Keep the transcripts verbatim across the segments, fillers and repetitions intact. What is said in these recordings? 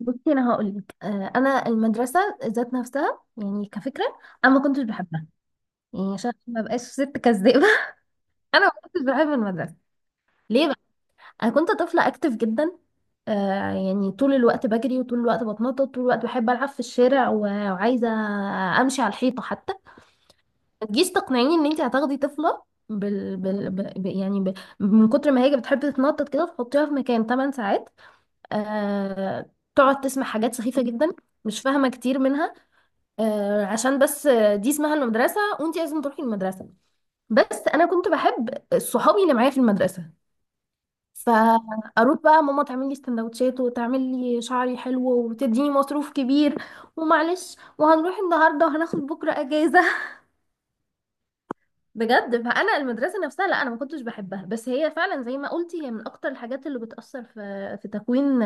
بصي، انا هقول لك، آه، انا المدرسه ذات نفسها يعني كفكره. انا ما كنتش بحبها، يعني عشان ما بقاش ست كذابه. انا ما كنتش بحب المدرسه. ليه بقى؟ انا كنت طفله اكتف جدا. آه، يعني طول الوقت بجري، وطول الوقت بتنطط، طول الوقت بحب العب في الشارع، و- وعايزه امشي على الحيطه حتى. ما تجيش تقنعيني ان انت هتاخدي طفله، بال... بال... ب... يعني ب... من كتر ما هي بتحب تتنطط كده تحطيها في مكان ثماني ساعات، آه... تقعد تسمع حاجات سخيفه جدا، مش فاهمه كتير منها. آه، عشان بس آه، دي اسمها المدرسة، وانتي لازم تروحي المدرسة. بس انا كنت بحب صحابي اللي معايا في المدرسة. فاروح بقى ماما تعمل لي سندوتشات، وتعمل لي شعري حلو، وتديني مصروف كبير، ومعلش وهنروح النهارده وهناخد بكره اجازه. بجد، فانا المدرسه نفسها، لا انا ما كنتش بحبها، بس هي فعلا زي ما قلتي هي من اكتر الحاجات اللي بتاثر في في تكوين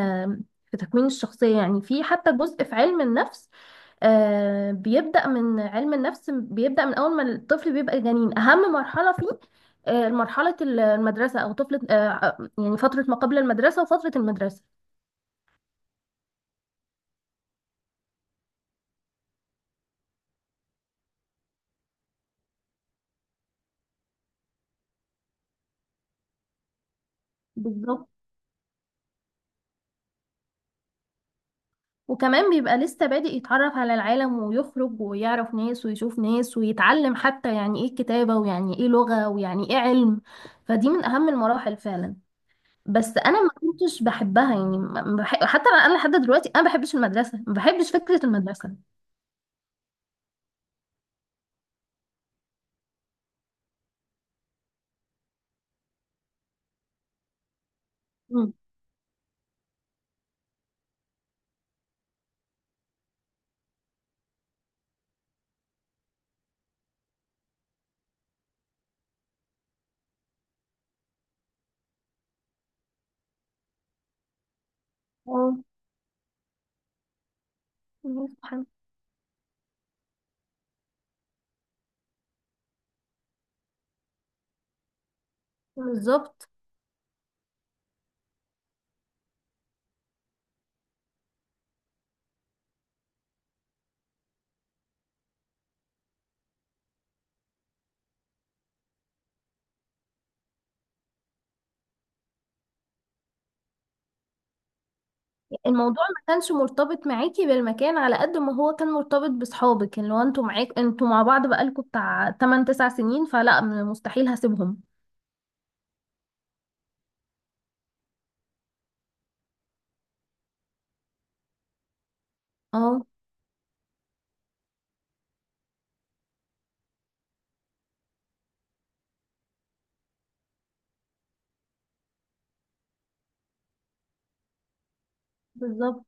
في تكوين الشخصيه. يعني في حتى جزء في علم النفس. آه، بيبدا من علم النفس، بيبدا من اول ما الطفل بيبقى جنين. اهم مرحله فيه آه، مرحله المدرسه، او طفله، آه، يعني فتره ما قبل المدرسه وفتره المدرسه. بالظبط، وكمان بيبقى لسه بادئ يتعرف على العالم، ويخرج ويعرف ناس ويشوف ناس، ويتعلم حتى يعني ايه الكتابة، ويعني ايه لغة، ويعني ايه علم. فدي من اهم المراحل فعلا. بس انا ما كنتش بحبها، يعني ما- ما بحب حتى، انا أنا لحد دلوقتي انا ما بحبش المدرسة، ما بحبش فكرة المدرسة. مم. اه، سبحان الله. بالظبط، الموضوع ما كانش مرتبط معاكي بالمكان على قد ما هو كان مرتبط بصحابك، اللي هو انتوا معاك، انتوا مع بعض بقالكوا بتاع تمن تسع سنين، فلا مستحيل هسيبهم. اه، بالظبط،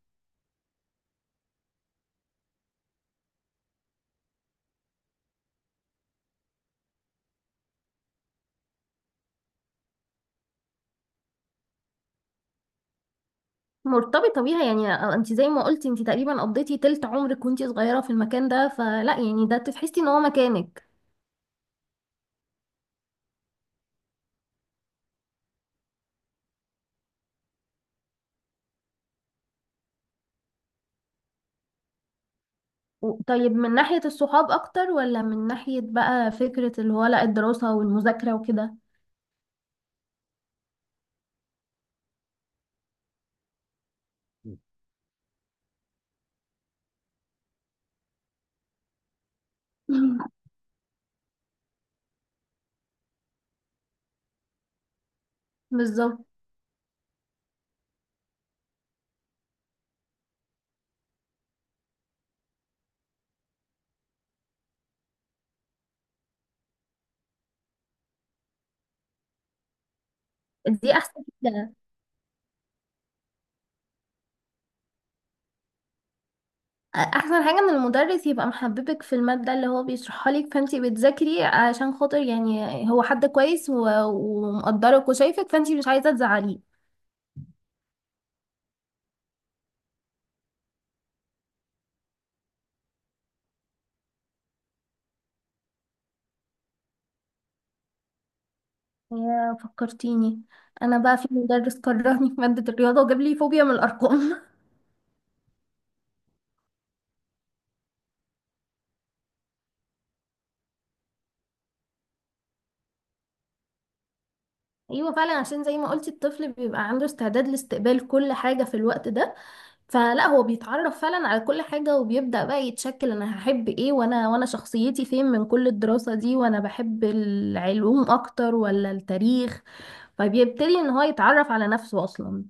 مرتبطة بيها. يعني انت زي ما قلتي انت تقريبا قضيتي تلت عمرك وانت صغيرة في المكان ده، فلا يعني ده تحسي ان هو مكانك. و- طيب، من ناحية الصحاب اكتر، ولا من ناحية بقى فكرة اللي هو لا الدراسة والمذاكرة وكده؟ مم. بالظبط. دي احسن كده. احسن حاجة ان المدرس يبقى محببك في المادة اللي هو بيشرحها لك، فانت بتذاكري عشان خاطر يعني هو حد كويس و- ومقدرك وشايفك، فانت مش عايزة تزعليه. يا فكرتيني، انا بقى في مدرس كرهني في مادة الرياضة، وجاب لي فوبيا من الارقام. ايوه، فعلا عشان زي ما قلتي الطفل بيبقى عنده استعداد لاستقبال كل حاجة في الوقت ده، فلا هو بيتعرف فعلا على كل حاجة، وبيبدأ بقى يتشكل انا هحب ايه، وانا وانا شخصيتي فين من كل الدراسة دي، وانا بحب العلوم اكتر ولا التاريخ. فبيبتدي ان هو يتعرف على نفسه اصلا.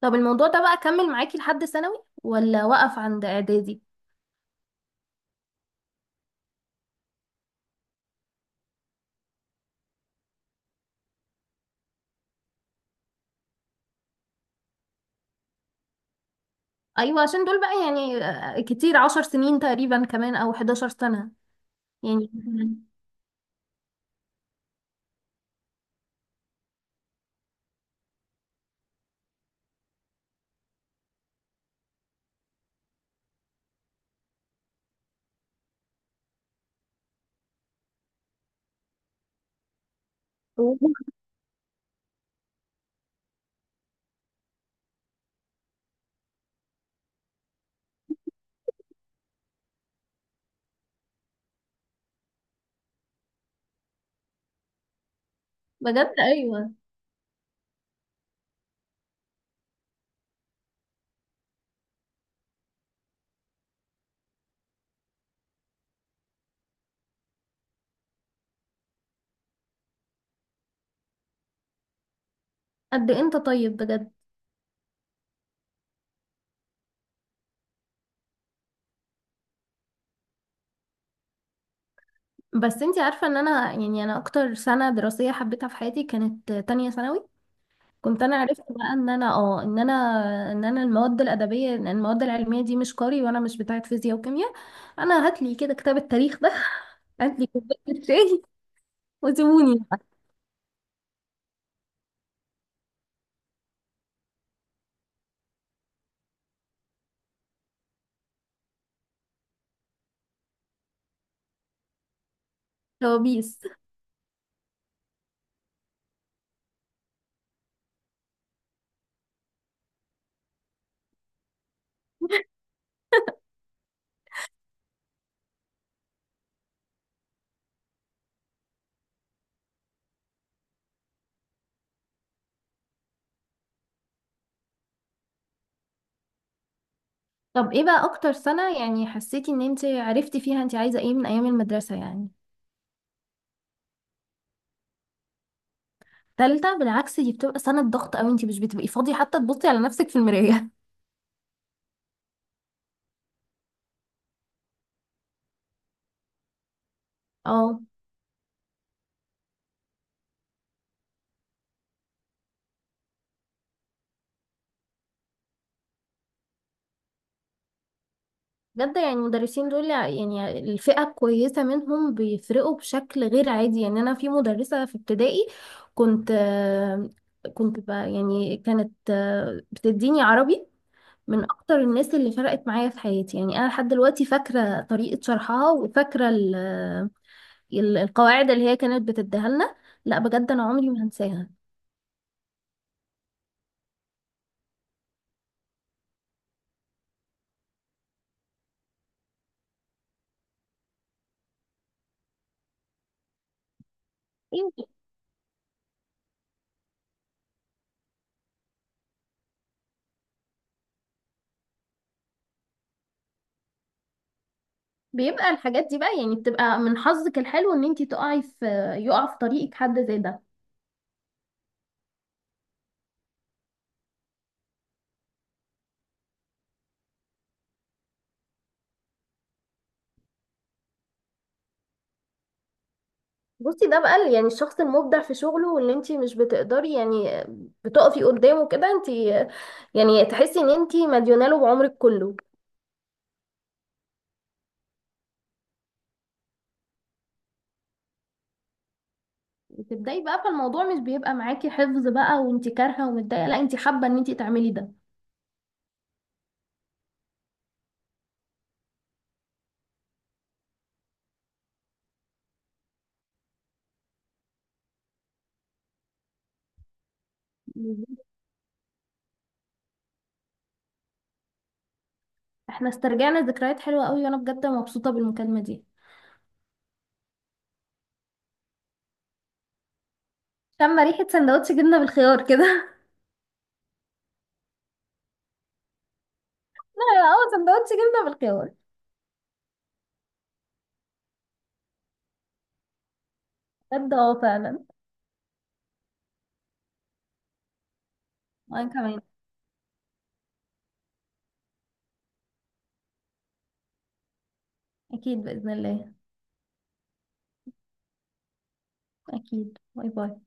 طب الموضوع ده بقى كمل معاكي لحد ثانوي، ولا وقف عند اعدادي؟ ايوه، عشان دول بقى يعني آه، كتير، عشر سنين تقريبا كمان، او حداشر سنة يعني. أوه. بجد ايوه. قد إيه انت طيب بجد. بس انتي عارفة ان انا يعني انا اكتر سنة دراسية حبيتها في حياتي كانت تانية ثانوي. كنت انا عرفت بقى ان انا اه ان انا ان انا المواد الادبية، ان المواد العلمية دي مش قاري، وانا مش بتاعة فيزياء وكيمياء. انا هاتلي كده كتاب التاريخ ده. هاتلي كوباية الشاي وسيبوني بقى. كوابيس. طب ايه بقى اكتر سنة يعني حسيتي ان انت عرفتي فيها انت عايزة ايه من ايام المدرسة يعني؟ تالتة؟ بالعكس، دي بتبقى سنة ضغط اوي، انت مش بتبقي فاضية حتى تبصي على نفسك في المراية. اه، بجد يعني المدرسين دول، يعني الفئة الكويسة منهم، بيفرقوا بشكل غير عادي. يعني انا في مدرسة في ابتدائي كنت آه، كنت بقى، يعني كانت آه، بتديني عربي، من اكتر الناس اللي فرقت معايا في حياتي. يعني انا لحد دلوقتي فاكرة طريقة شرحها، وفاكرة ال ال- القواعد اللي هي كانت بتديها لنا. لا بجد، انا عمري ما هنساها. إيه، بيبقى الحاجات دي بقى يعني بتبقى من حظك الحلو ان انتي تقعي في، يقع في طريقك حد زي ده. بصي، ده بقى ال- يعني الشخص المبدع في شغله، واللي انت مش بتقدري يعني بتقفي قدامه كده، انت يعني تحسي ان انت مديونه له بعمرك كله. بتبدأي بقى، فالموضوع مش بيبقى معاكي حفظ بقى وانتي كارهة ومتضايقة، لا انتي حابة ان انتي تعملي ده. احنا استرجعنا ذكريات حلوة قوي، وانا بجد مبسوطة بالمكالمة دي. شم ريحة سندوتش جبنة بالخيار كده. لا اه، سندوتش جبنة بالخيار. بجد اه، فعلا. وانا كمان. اكيد بإذن الله. اكيد، باي باي.